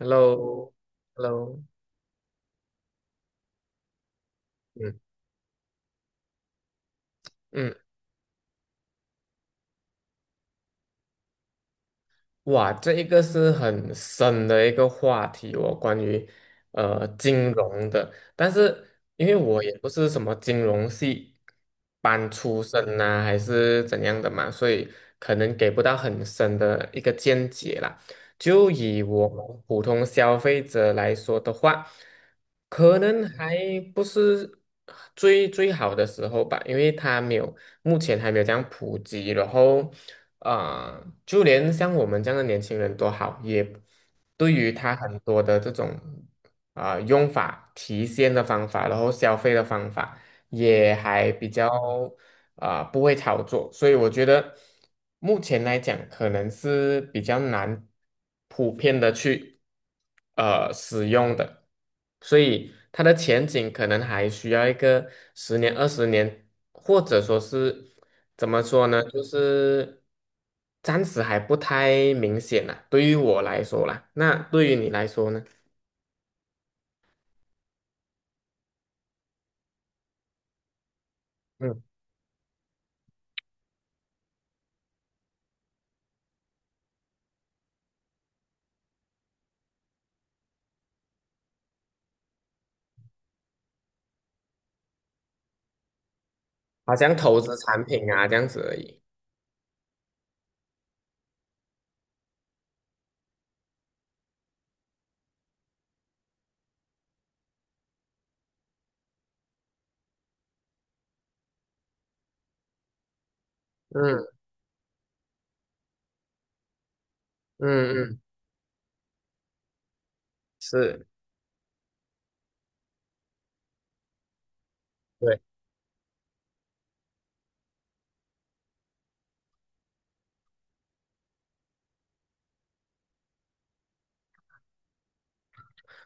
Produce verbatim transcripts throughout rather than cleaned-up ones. Hello,Hello,嗯嗯。哇，这一个是很深的一个话题哦，关于呃金融的。但是因为我也不是什么金融系班出身呐、还是怎样的嘛，所以可能给不到很深的一个见解啦。就以我们普通消费者来说的话，可能还不是最最好的时候吧，因为它没有目前还没有这样普及，然后。啊、就连像我们这样的年轻人都好，也对于他很多的这种啊、呃用法、提现的方法，然后消费的方法，也还比较啊、呃不会操作，所以我觉得目前来讲，可能是比较难普遍的去呃使用的，所以它的前景可能还需要一个十年、二十年，或者说是。怎么说呢？就是暂时还不太明显啦，对于我来说啦，那对于你来说呢？嗯，好像投资产品啊这样子而已。嗯嗯嗯，是，对，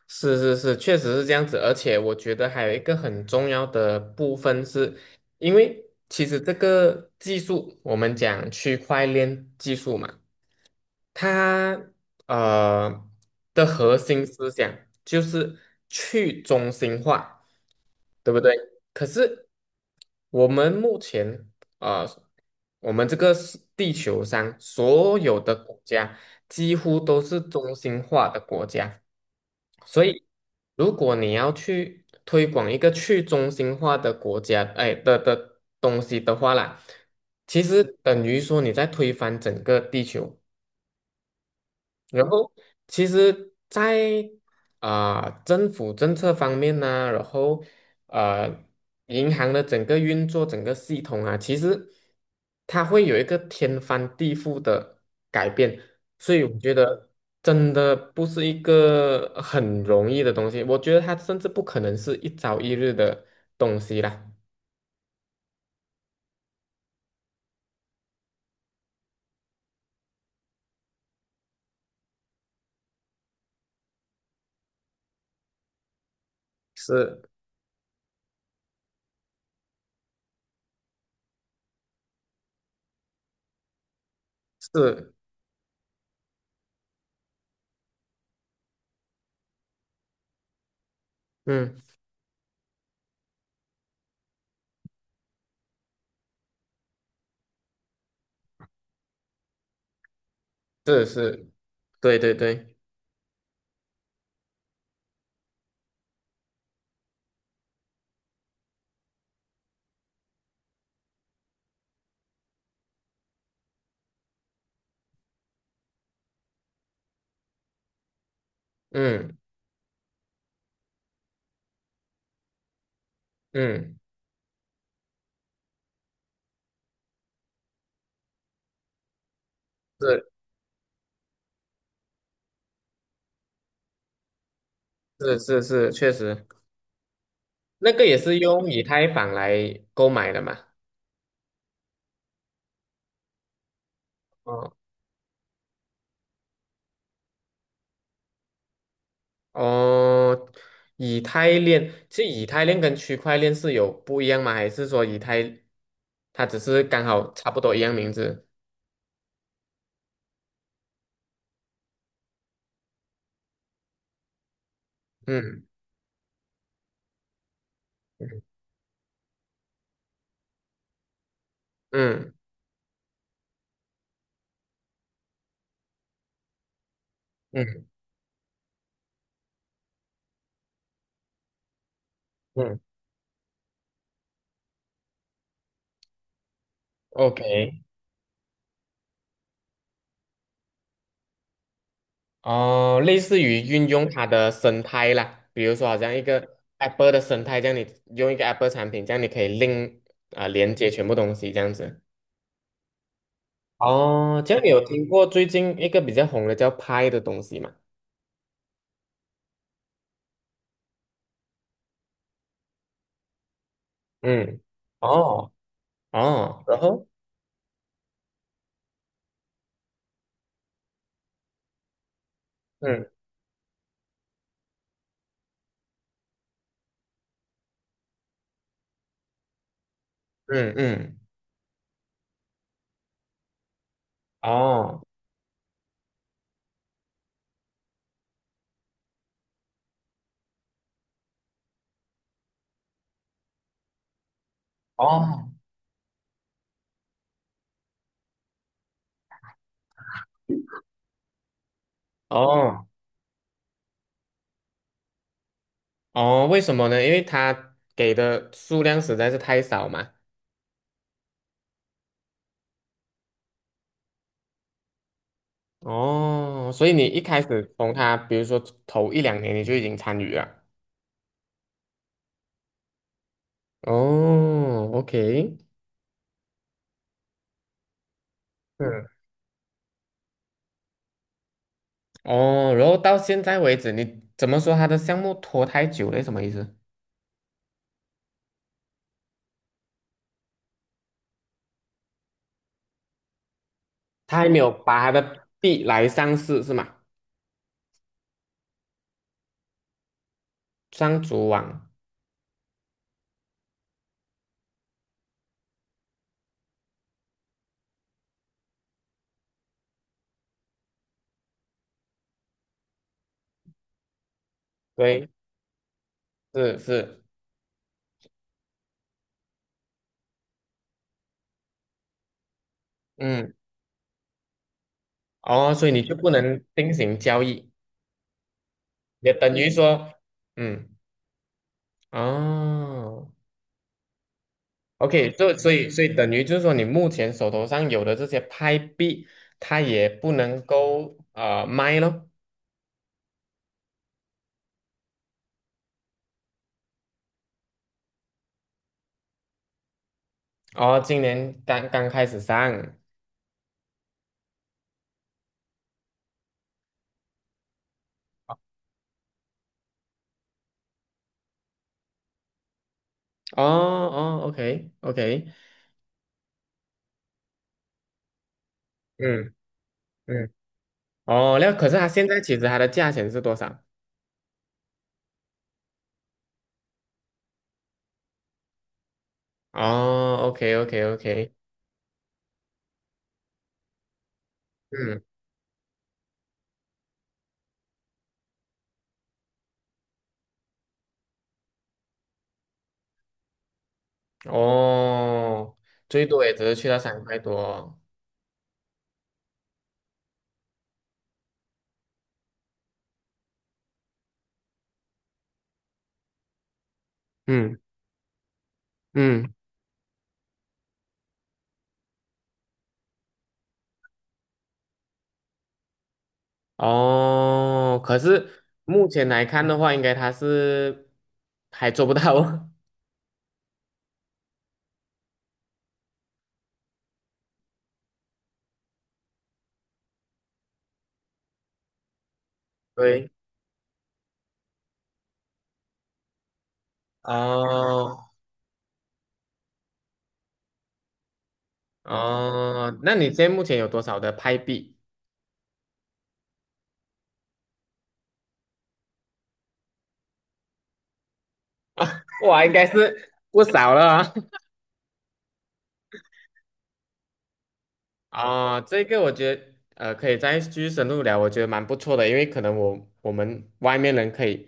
是是是，确实是这样子。而且我觉得还有一个很重要的部分是，因为其实这个技术，我们讲区块链技术嘛。它呃的核心思想就是去中心化，对不对？可是我们目前啊、呃，我们这个是地球上所有的国家几乎都是中心化的国家，所以如果你要去推广一个去中心化的国家，哎的的东西的话啦，其实等于说你在推翻整个地球。然后其实在，啊政府政策方面呢、然后呃银行的整个运作、整个系统啊，其实它会有一个天翻地覆的改变，所以我觉得真的不是一个很容易的东西，我觉得它甚至不可能是一朝一日的东西啦。是是，嗯，是是，对对对，嗯嗯，是是是是，确实。那个也是用以太坊来购买的嘛？哦哦，以太链，其实以太链跟区块链是有不一样吗？还是说以太它只是刚好差不多一样名字？嗯嗯嗯嗯，OK,哦，类似于运用它的生态啦，比如说好像一个 Apple 的生态，这样你用一个 Apple 产品，这样你可以 link 啊、连接全部东西这样子。哦，这样你有听过最近一个比较红的叫 Pi 的东西吗？嗯，哦哦，然后嗯嗯嗯，哦哦哦哦，为什么呢？因为它给的数量实在是太少嘛。哦，所以你一开始从它，比如说头一两年你就已经参与了。哦，OK,嗯，哦，然后到现在为止，你怎么说它的项目拖太久了？什么意思？他还没有把他的币来上市是吗？上主网，对，是是，嗯哦，所以你就不能进行交易，也等于说，嗯，哦，OK,就所以所以等于就是说，你目前手头上有的这些拍币，它也不能够呃卖咯。哦，今年刚刚开始上，哦哦，OK OK,嗯嗯，哦，那可是它现在其实它的价钱是多少？哦，OK OK OK,嗯，哦，最多也只是去到三块多哦，嗯嗯。哦，可是目前来看的话，应该他是还做不到。对，哦哦，那你现在目前有多少的派币？哇，应该是不少了啊。哦，这个我觉得呃，可以再继续深入聊，我觉得蛮不错的，因为可能我我们外面人可以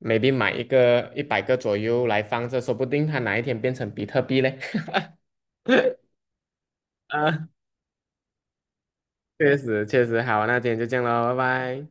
maybe 买一个一百个左右来放着，说不定它哪一天变成比特币嘞。啊，确实确实，好，那今天就这样喽，拜拜。